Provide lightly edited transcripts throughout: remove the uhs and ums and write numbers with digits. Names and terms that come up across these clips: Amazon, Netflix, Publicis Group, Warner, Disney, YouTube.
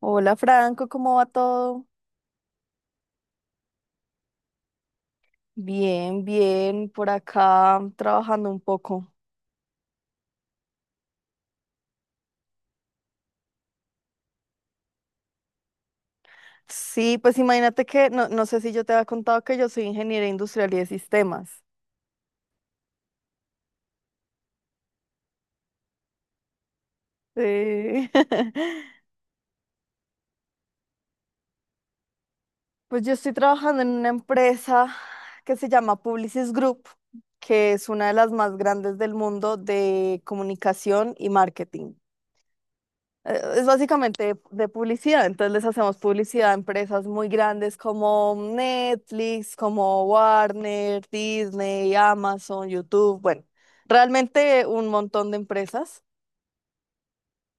Hola Franco, ¿cómo va todo? Bien, bien, por acá trabajando un poco. Sí, pues imagínate que no sé si yo te había contado que yo soy ingeniera industrial y de sistemas. Sí. Pues yo estoy trabajando en una empresa que se llama Publicis Group, que es una de las más grandes del mundo de comunicación y marketing. Es básicamente de publicidad, entonces les hacemos publicidad a empresas muy grandes como Netflix, como Warner, Disney, Amazon, YouTube, bueno, realmente un montón de empresas.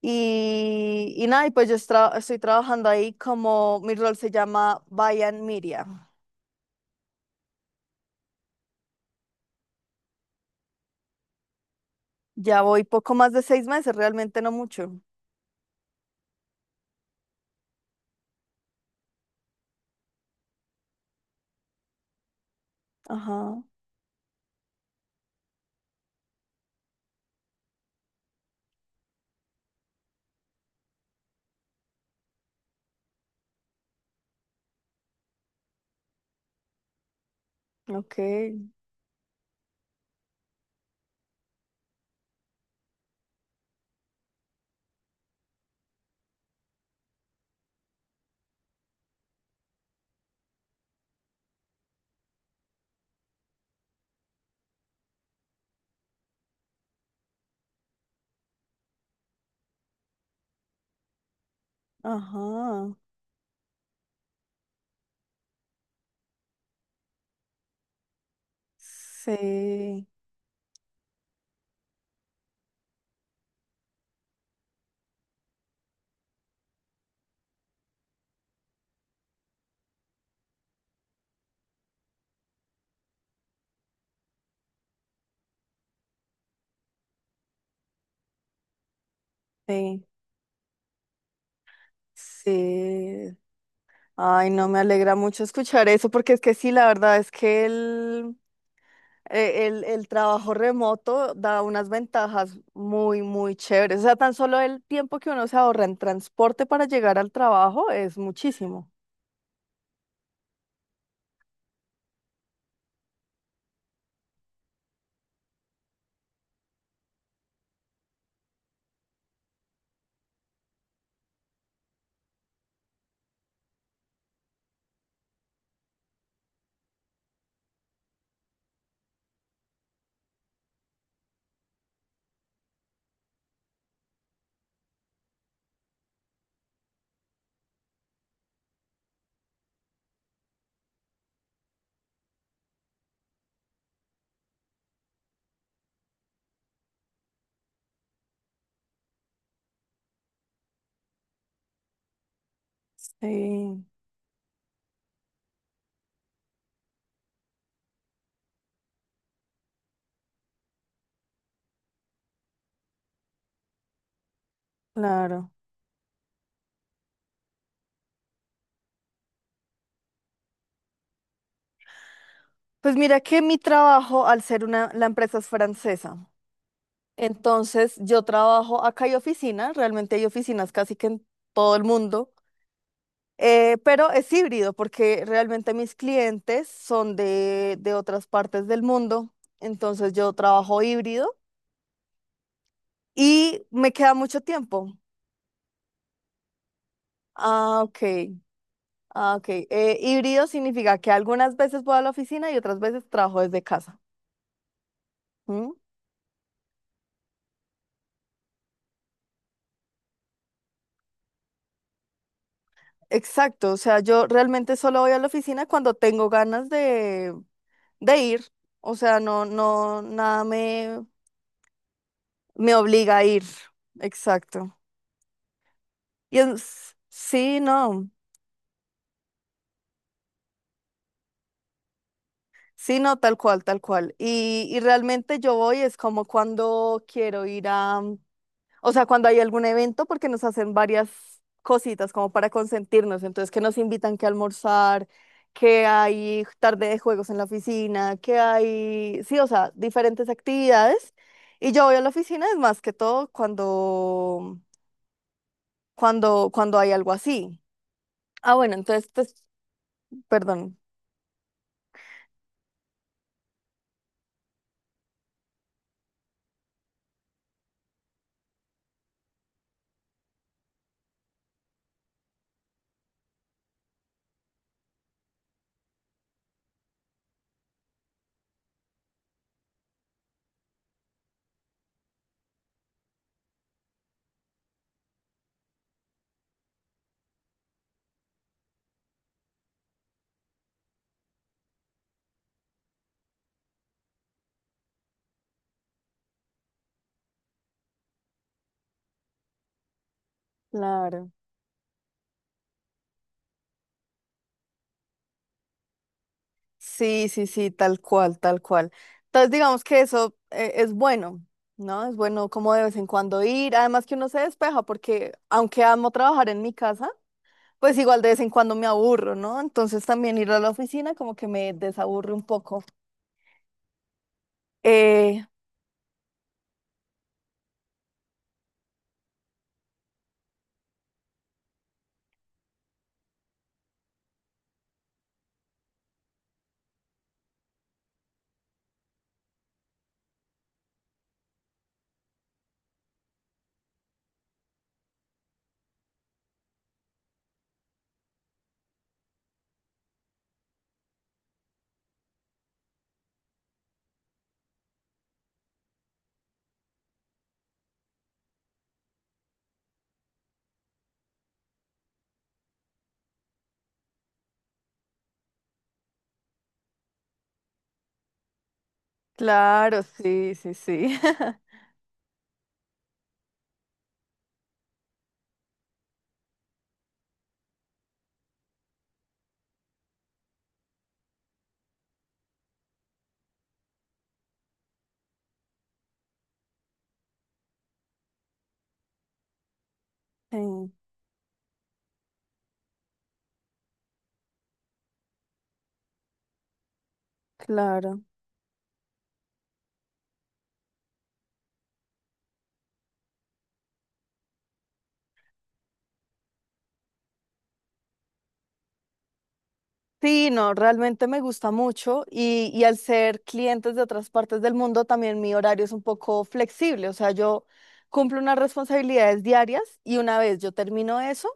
Y nada, y pues yo estoy trabajando ahí como mi rol se llama Bayan Media. Ya voy poco más de 6 meses, realmente no mucho. Ajá, ok, ajá, sí, sí, sí. Ay, no me alegra mucho escuchar eso, porque es que sí, la verdad es que el trabajo remoto da unas ventajas muy, muy chéveres. O sea, tan solo el tiempo que uno se ahorra en transporte para llegar al trabajo es muchísimo. Sí, claro. Pues mira que mi trabajo, al ser una, la empresa es francesa, entonces yo trabajo acá, hay oficinas, realmente hay oficinas casi que en todo el mundo. Pero es híbrido porque realmente mis clientes son de otras partes del mundo, entonces yo trabajo híbrido y me queda mucho tiempo. Ah, ok, ah, ok. Híbrido significa que algunas veces voy a la oficina y otras veces trabajo desde casa. ¿Mm? Exacto, o sea, yo realmente solo voy a la oficina cuando tengo ganas de ir, o sea, nada me, me obliga a ir. Exacto. Sí, no. Sí, no, tal cual, tal cual. Y realmente yo voy, es como cuando quiero ir a, o sea, cuando hay algún evento, porque nos hacen varias cositas como para consentirnos, entonces que nos invitan que almorzar, que hay tarde de juegos en la oficina, que hay, sí, o sea, diferentes actividades. Y yo voy a la oficina, es más que todo cuando hay algo así. Ah, bueno, entonces, pues, perdón, claro. Sí, sí, sí, tal cual, tal cual. Entonces, digamos que eso es bueno, ¿no? Es bueno como de vez en cuando ir, además que uno se despeja porque aunque amo trabajar en mi casa, pues igual de vez en cuando me aburro, ¿no? Entonces también ir a la oficina como que me desaburre un poco. Eh, claro, sí, sí, sí. Sí, claro. Sí, no, realmente me gusta mucho y al ser clientes de otras partes del mundo también mi horario es un poco flexible, o sea, yo cumplo unas responsabilidades diarias y una vez yo termino eso,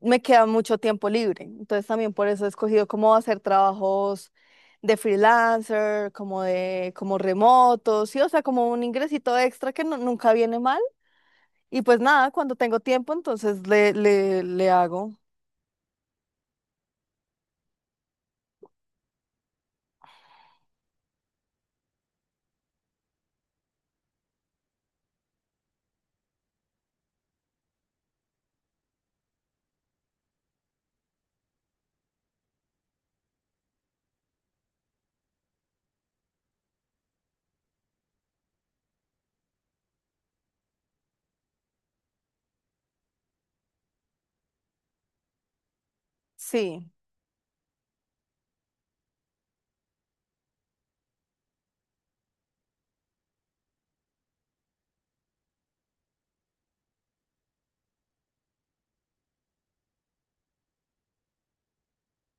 me queda mucho tiempo libre. Entonces también por eso he escogido cómo hacer trabajos de freelancer, como de como remotos, sí, o sea, como un ingresito extra que nunca viene mal. Y pues nada, cuando tengo tiempo, entonces le hago. Sí,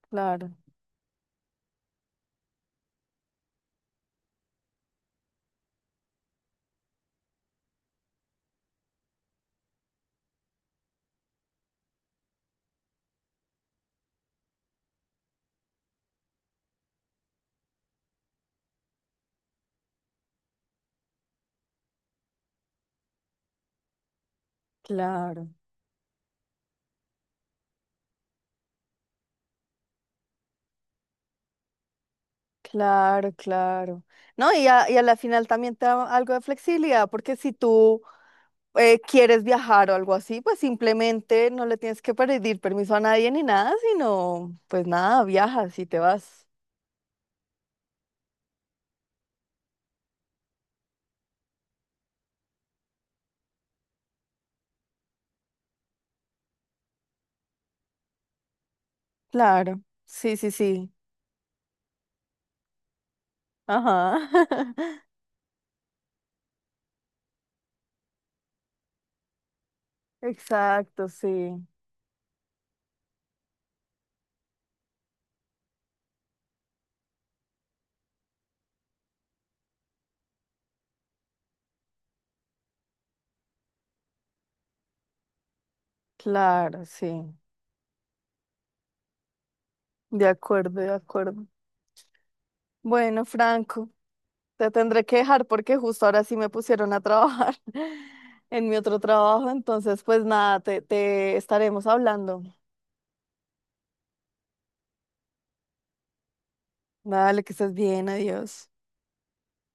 claro, claro. Claro, claro. No, y a la final también te da algo de flexibilidad, porque si tú quieres viajar o algo así, pues simplemente no le tienes que pedir permiso a nadie ni nada, sino pues nada, viajas y te vas. Claro, sí, sí, sí. Ajá. Exacto, sí. Claro, sí. De acuerdo, de acuerdo. Bueno, Franco, te tendré que dejar porque justo ahora sí me pusieron a trabajar en mi otro trabajo. Entonces, pues nada, te estaremos hablando. Dale, que estés bien, adiós.